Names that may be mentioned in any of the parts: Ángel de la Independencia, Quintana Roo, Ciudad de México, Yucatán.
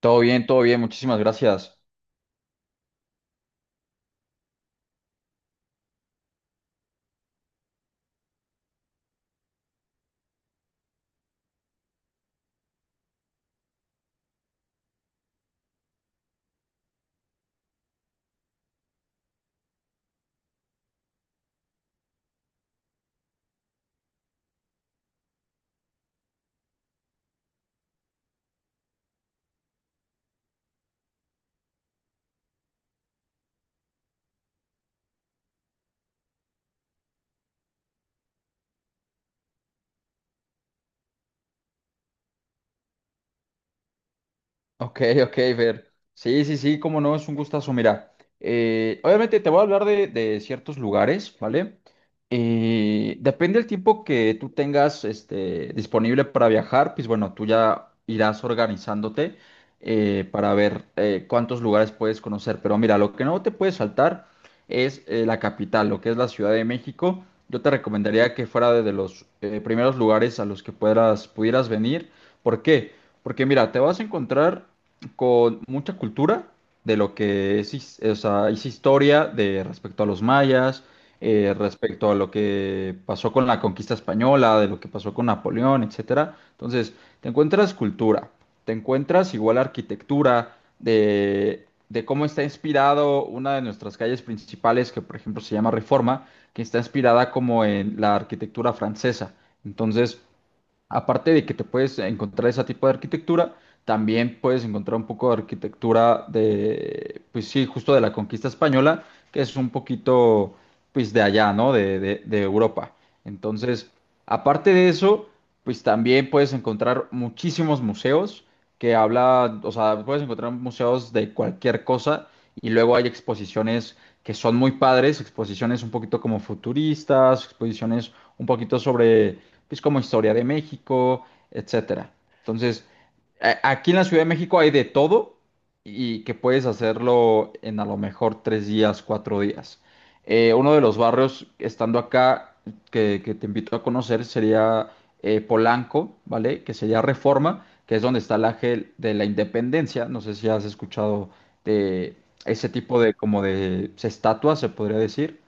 Todo bien, muchísimas gracias. Ok, ok, Fer. Sí, sí, sí, cómo no, es un gustazo. Mira, obviamente te voy a hablar de ciertos lugares, ¿vale? Depende del tiempo que tú tengas este, disponible para viajar, pues bueno, tú ya irás organizándote para ver cuántos lugares puedes conocer. Pero mira, lo que no te puedes saltar es la capital, lo que es la Ciudad de México. Yo te recomendaría que fuera de los primeros lugares a los que puedas, pudieras venir. ¿Por qué? Porque mira, te vas a encontrar con mucha cultura de lo que es, o sea, es historia de respecto a los mayas, respecto a lo que pasó con la conquista española, de lo que pasó con Napoleón, etcétera. Entonces, te encuentras cultura, te encuentras igual arquitectura, de cómo está inspirado una de nuestras calles principales, que por ejemplo se llama Reforma, que está inspirada como en la arquitectura francesa. Entonces, aparte de que te puedes encontrar ese tipo de arquitectura, también puedes encontrar un poco de arquitectura de, pues sí, justo de la conquista española, que es un poquito, pues de allá, ¿no? De, de Europa. Entonces, aparte de eso, pues también puedes encontrar muchísimos museos que habla, o sea, puedes encontrar museos de cualquier cosa y luego hay exposiciones que son muy padres, exposiciones un poquito como futuristas, exposiciones un poquito sobre pues como historia de México, etcétera. Entonces, aquí en la Ciudad de México hay de todo y que puedes hacerlo en a lo mejor tres días, cuatro días. Uno de los barrios estando acá que te invito a conocer sería Polanco, ¿vale? Que sería Reforma, que es donde está el Ángel de la Independencia. No sé si has escuchado de ese tipo de como de estatuas, se podría decir.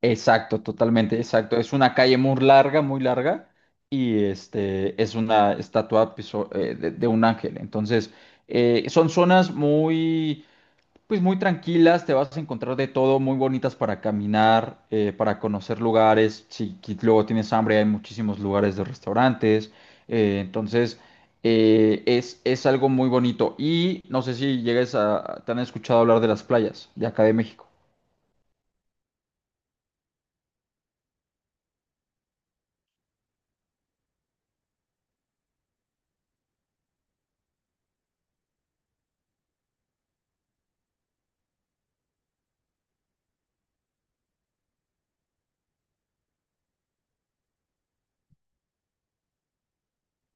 Exacto, totalmente, exacto. Es una calle muy larga, y este es una estatua pues, de un ángel. Entonces, son zonas muy, pues muy tranquilas, te vas a encontrar de todo, muy bonitas para caminar, para conocer lugares. Si luego tienes hambre, hay muchísimos lugares de restaurantes. Entonces, es algo muy bonito. Y no sé si llegues a, te han escuchado hablar de las playas de acá de México.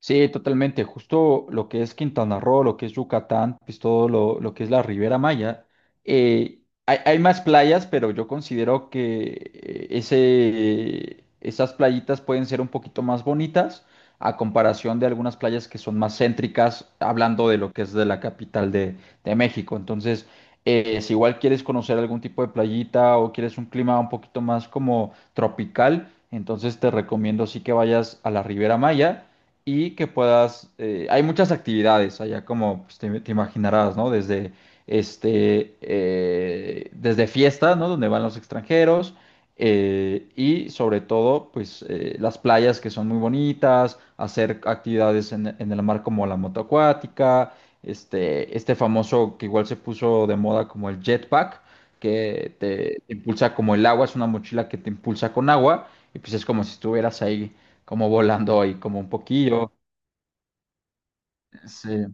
Sí, totalmente. Justo lo que es Quintana Roo, lo que es Yucatán, pues todo lo que es la Ribera Maya. Hay, hay más playas, pero yo considero que ese, esas playitas pueden ser un poquito más bonitas a comparación de algunas playas que son más céntricas, hablando de lo que es de la capital de México. Entonces, si igual quieres conocer algún tipo de playita o quieres un clima un poquito más como tropical, entonces te recomiendo sí que vayas a la Ribera Maya y que puedas, hay muchas actividades allá como pues, te imaginarás, ¿no? Desde, este, desde fiesta, ¿no? Donde van los extranjeros y sobre todo, pues las playas que son muy bonitas, hacer actividades en el mar como la motoacuática, este famoso que igual se puso de moda como el jetpack, que te impulsa como el agua, es una mochila que te impulsa con agua, y pues es como si estuvieras ahí como volando ahí, como un poquillo. Sí,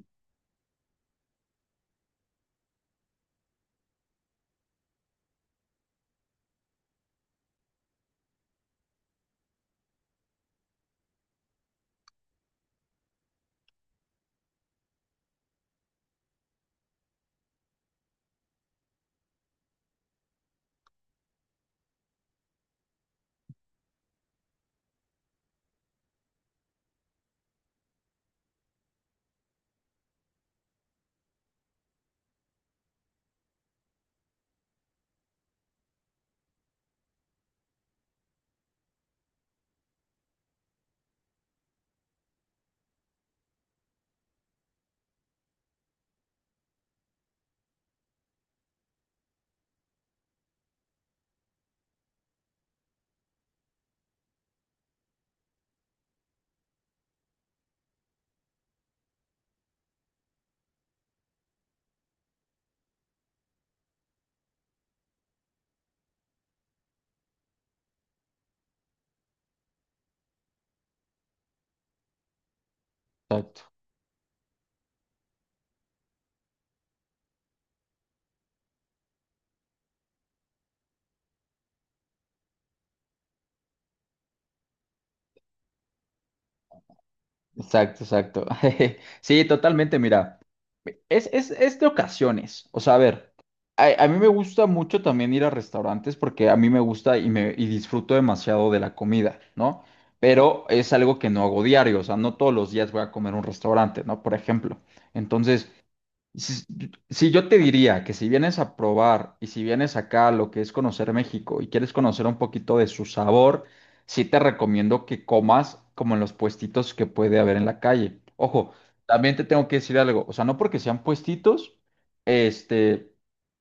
exacto, exacto, exacto. Sí, totalmente, mira, es de ocasiones, o sea, a ver, a mí me gusta mucho también ir a restaurantes porque a mí me gusta y, me, y disfruto demasiado de la comida, ¿no? Pero es algo que no hago diario, o sea, no todos los días voy a comer a un restaurante, ¿no? Por ejemplo. Entonces, si, si yo te diría que si vienes a probar y si vienes acá a lo que es conocer México y quieres conocer un poquito de su sabor, sí te recomiendo que comas como en los puestitos que puede haber en la calle. Ojo, también te tengo que decir algo, o sea, no porque sean puestitos, este,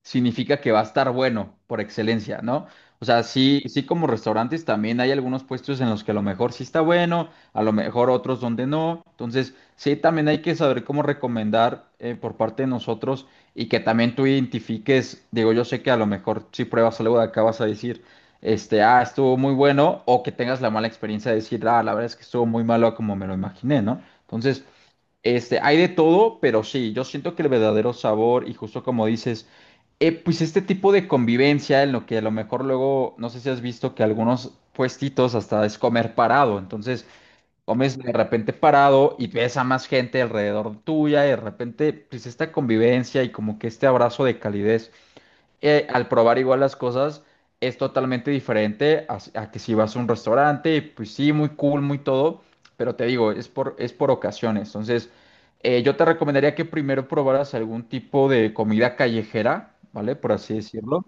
significa que va a estar bueno por excelencia, ¿no? O sea, sí, sí como restaurantes también hay algunos puestos en los que a lo mejor sí está bueno, a lo mejor otros donde no. Entonces, sí, también hay que saber cómo recomendar por parte de nosotros y que también tú identifiques, digo, yo sé que a lo mejor si pruebas algo de acá vas a decir, este, ah, estuvo muy bueno, o que tengas la mala experiencia de decir, ah, la verdad es que estuvo muy malo a como me lo imaginé, ¿no? Entonces, este, hay de todo, pero sí, yo siento que el verdadero sabor y justo como dices, pues este tipo de convivencia en lo que a lo mejor luego, no sé si has visto que algunos puestitos hasta es comer parado, entonces comes de repente parado y ves a más gente alrededor tuya y de repente pues esta convivencia y como que este abrazo de calidez al probar igual las cosas es totalmente diferente a que si vas a un restaurante y, pues sí, muy cool, muy todo, pero te digo, es por ocasiones. Entonces, yo te recomendaría que primero probaras algún tipo de comida callejera, ¿vale? Por así decirlo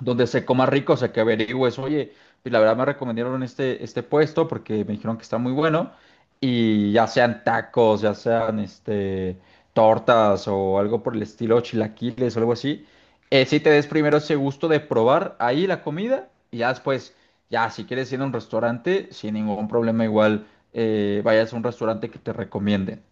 donde se coma rico, o sea, que averigües, oye, pues la verdad me recomendaron este, este puesto porque me dijeron que está muy bueno y ya sean tacos, ya sean este, tortas o algo por el estilo, chilaquiles o algo así, sí te des primero ese gusto de probar ahí la comida y ya después, ya si quieres ir a un restaurante, sin ningún problema igual vayas a un restaurante que te recomienden.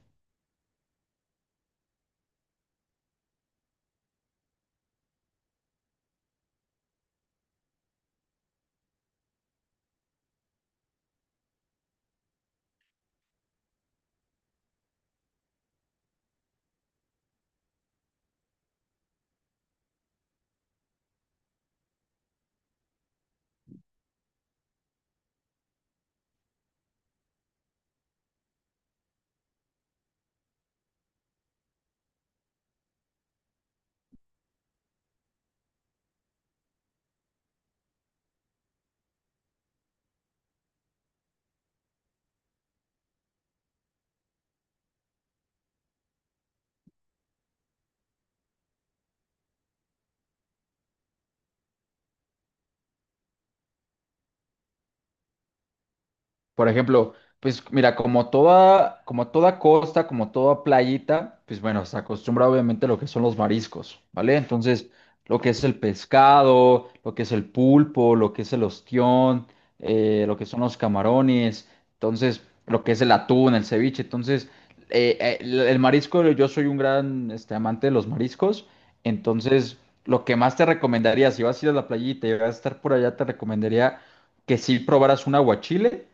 Por ejemplo, pues mira, como toda costa, como toda playita, pues bueno, se acostumbra obviamente a lo que son los mariscos, ¿vale? Entonces, lo que es el pescado, lo que es el pulpo, lo que es el ostión, lo que son los camarones, entonces, lo que es el atún, el ceviche, entonces, el marisco, yo soy un gran este, amante de los mariscos, entonces, lo que más te recomendaría, si vas a ir a la playita y vas a estar por allá, te recomendaría que sí probaras un aguachile,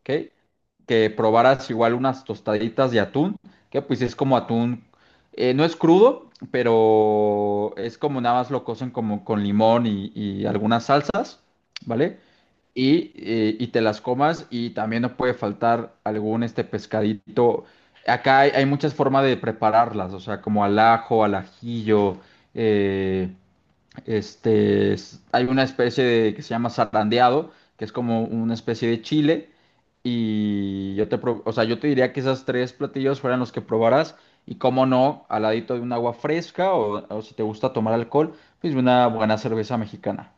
¿ok? Que probaras igual unas tostaditas de atún, que pues es como atún, no es crudo, pero es como nada más lo cocen como con limón y algunas salsas, ¿vale? Y te las comas y también no puede faltar algún este pescadito. Acá hay, hay muchas formas de prepararlas, o sea, como al ajo, al ajillo, eh, hay una especie de, que se llama zarandeado, que es como una especie de chile. Y yo te, o sea, yo te diría que esas tres platillos fueran los que probaras. Y cómo no, al ladito de un agua fresca o si te gusta tomar alcohol, pues una buena cerveza mexicana.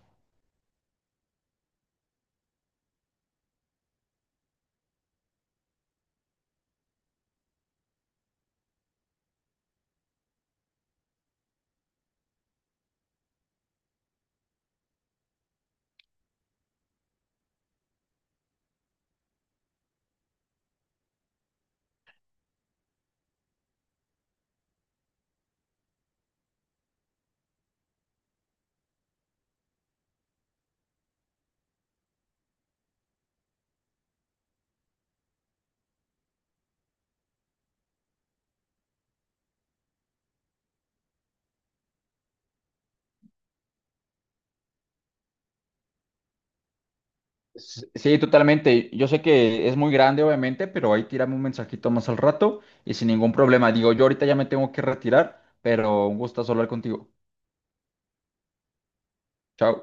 Sí, totalmente. Yo sé que es muy grande, obviamente, pero ahí tírame un mensajito más al rato y sin ningún problema. Digo, yo ahorita ya me tengo que retirar, pero un gusto hablar contigo. Chao.